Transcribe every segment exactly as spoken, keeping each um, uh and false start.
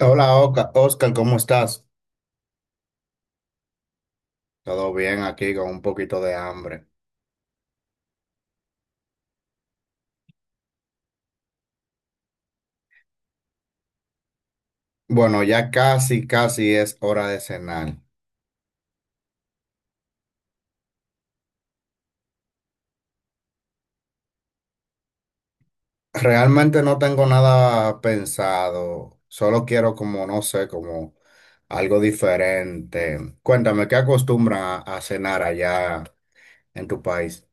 Hola, Oca- Oscar, ¿cómo estás? Todo bien aquí con un poquito de hambre. Bueno, ya casi, casi es hora de cenar. Realmente no tengo nada pensado, solo quiero como, no sé, como algo diferente. Cuéntame, ¿qué acostumbran a, a cenar allá en tu país?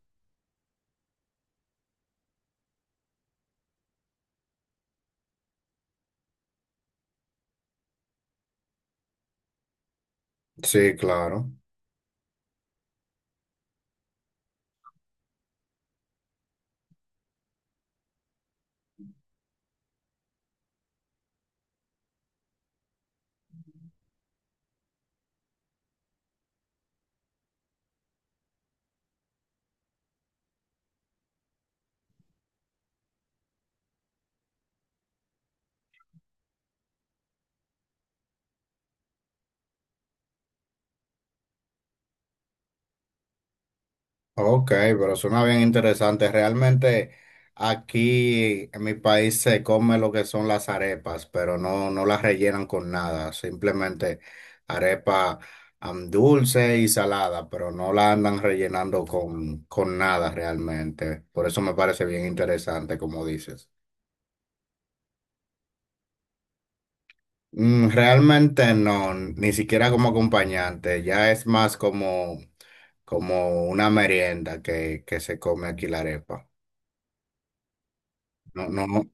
Sí, claro. Ok, pero suena bien interesante. Realmente aquí en mi país se come lo que son las arepas, pero no, no las rellenan con nada. Simplemente arepa am, dulce y salada, pero no la andan rellenando con, con nada realmente. Por eso me parece bien interesante, como dices. Mm, realmente no, ni siquiera como acompañante, ya es más como, como una merienda que, que se come aquí la arepa. No, no, no.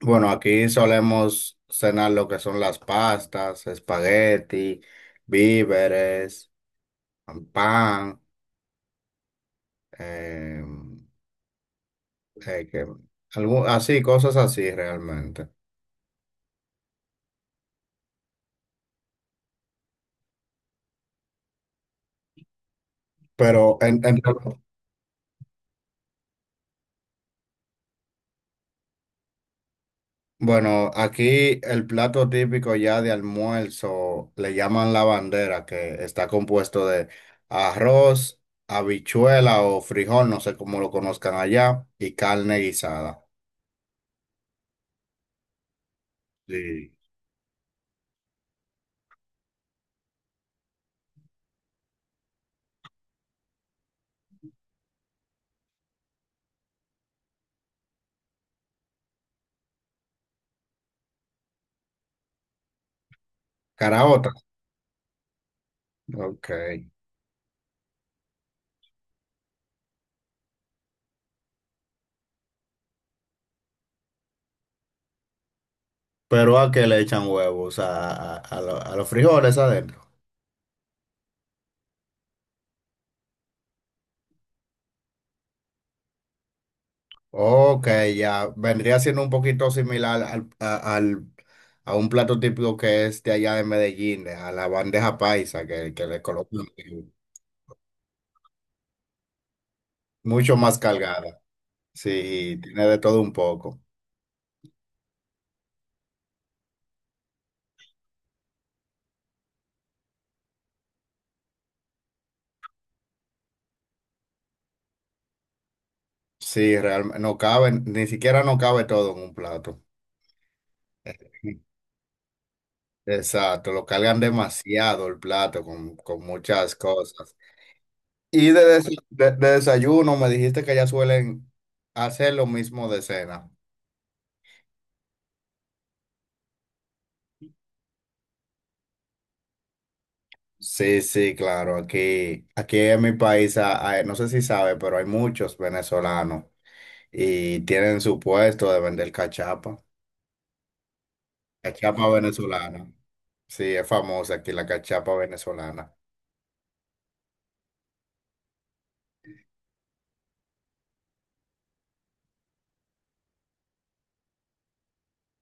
Bueno, aquí solemos cenar lo que son las pastas, espagueti, víveres, pan, eh, eh, que- algún- así, cosas así realmente. Pero, en, en- bueno, aquí el plato típico ya de almuerzo le llaman la bandera, que está compuesto de arroz, habichuela o frijol, no sé cómo lo conozcan allá, y carne guisada. Sí. Caraota. Ok. Pero a qué le echan huevos, a, a- a lo- a los frijoles adentro. Ok, ya vendría siendo un poquito similar al, a, al- a un plato típico que es de allá de Medellín, a la bandeja paisa, que, que le colocan mucho más cargada. Sí, tiene de todo un poco. Sí, realmente no cabe, ni siquiera no cabe todo en un plato. Exacto, lo cargan demasiado el plato con, con muchas cosas. Y de, des- de- de desayuno me dijiste que ya suelen hacer lo mismo de cena. Sí, sí, claro. Aquí, aquí en mi país, ha- hay- no sé si sabe, pero hay muchos venezolanos y tienen su puesto de vender cachapa. Cachapa venezolana. Sí, es famosa aquí la cachapa venezolana.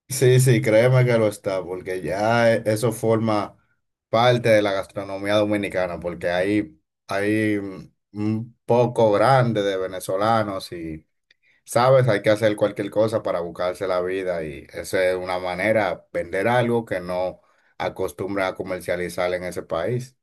Sí, sí, créeme que lo está, porque ya e- eso forma parte de la gastronomía dominicana, porque hay, hay un un poco grande de venezolanos y sabes, hay que hacer cualquier cosa para buscarse la vida y esa es una manera, vender algo que no acostumbra a comercializar en ese país.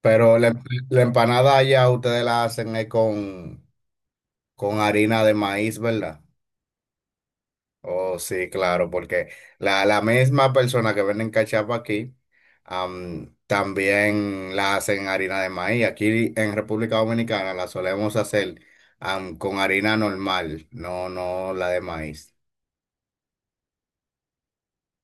Pero la, claro, la empanada allá ustedes la hacen eh, con, con harina de maíz, ¿verdad? Oh, sí, claro, porque la, la misma persona que venden cachapa aquí, am, también la hacen harina de maíz. Aquí en República Dominicana la solemos hacer, am, con harina normal, no, no la de maíz.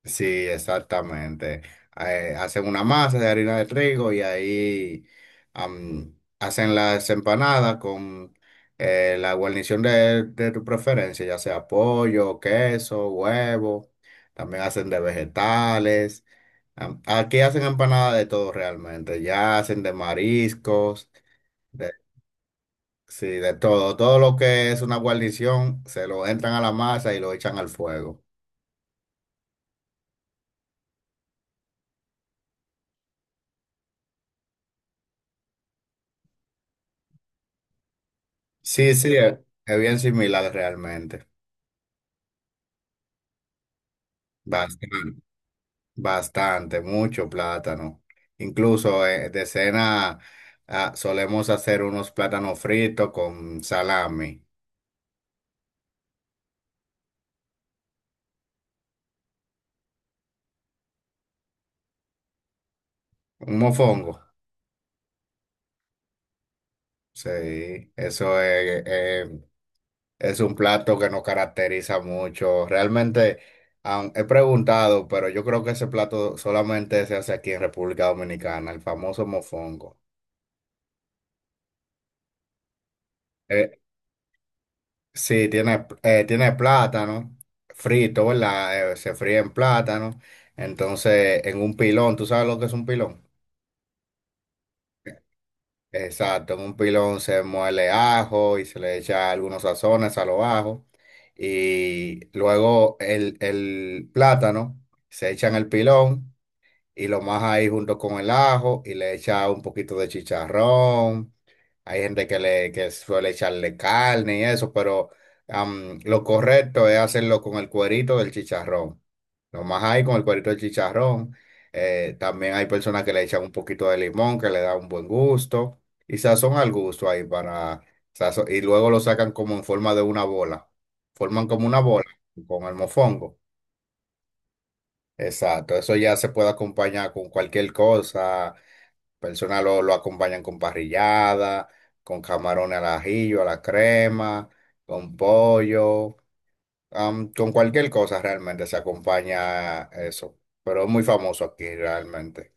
Sí, exactamente. Eh, hacen una masa de harina de trigo y ahí am, hacen las empanadas con eh, la guarnición de, de tu preferencia, ya sea pollo, queso, huevo. También hacen de vegetales. Am- aquí hacen empanadas de todo realmente. Ya hacen de mariscos, de, sí, de todo. Todo lo que es una guarnición se lo entran a la masa y lo echan al fuego. Sí, sí, es es bien similar realmente. Bastante, bastante, mucho plátano. Incluso eh, de cena ah, solemos hacer unos plátanos fritos con salami, un mofongo. Sí, eso es, eh, es un plato que nos caracteriza mucho. Realmente aun- he preguntado, pero yo creo que ese plato solamente se hace aquí en República Dominicana, el famoso mofongo. Eh, Sí, tiene, eh, tiene plátano frito, ¿verdad? Eh, se fríe en plátano. Entonces, en un pilón, ¿tú sabes lo que es un pilón? Exacto, en un pilón se muele ajo y se le echa algunos sazones a los ajos. Y luego el, el plátano se echa en el pilón y lo maja ahí junto con el ajo y le echa un poquito de chicharrón. Hay gente que le que suele echarle carne y eso, pero am, lo correcto es hacerlo con el cuerito del chicharrón. Lo más ahí con el cuerito del chicharrón. Eh, también hay personas que le echan un poquito de limón que le da un buen gusto y sazón al gusto ahí para sazo- y luego lo sacan como en forma de una bola. Forman como una bola con el mofongo. Exacto, eso ya se puede acompañar con cualquier cosa. Personas lo, lo acompañan con parrillada, con camarones al ajillo, a la crema, con pollo, am, con cualquier cosa realmente se acompaña eso. Pero es muy famoso aquí realmente.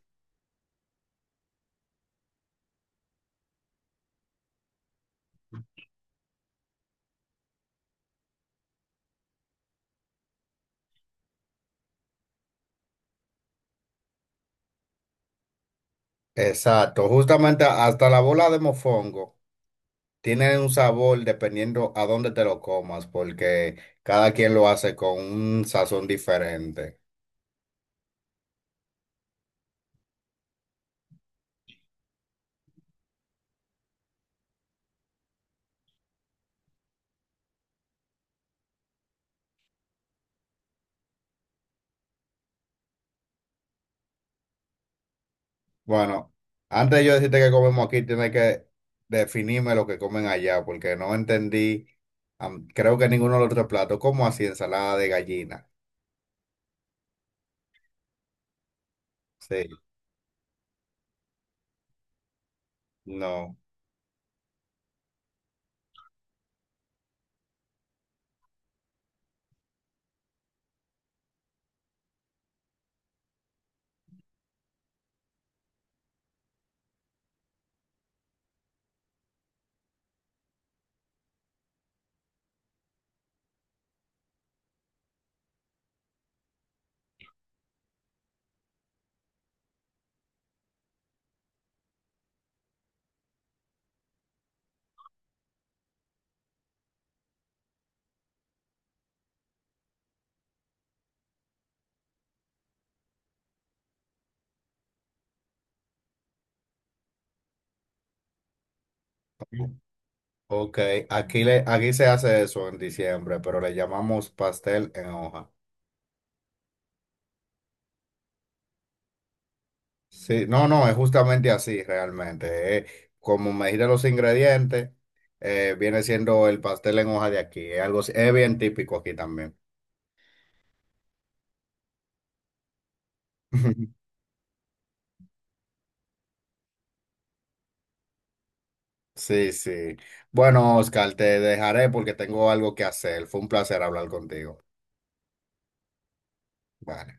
Exacto, justamente hasta la bola de mofongo tiene un sabor dependiendo a dónde te lo comas, porque cada quien lo hace con un sazón diferente. Bueno, antes de yo decirte que comemos aquí, tienes que definirme lo que comen allá, porque no entendí, am, creo que ninguno de los otros platos, como así ensalada de gallina. Sí, no. Ok, aquí, le, aquí se hace eso en diciembre, pero le llamamos pastel en hoja. Sí, no, no, es justamente así realmente. Eh, como me dijiste los ingredientes, eh, viene siendo el pastel en hoja de aquí. Es algo, es bien típico aquí también. Sí, sí. Bueno, Oscar, te dejaré porque tengo algo que hacer. Fue un placer hablar contigo. Bye.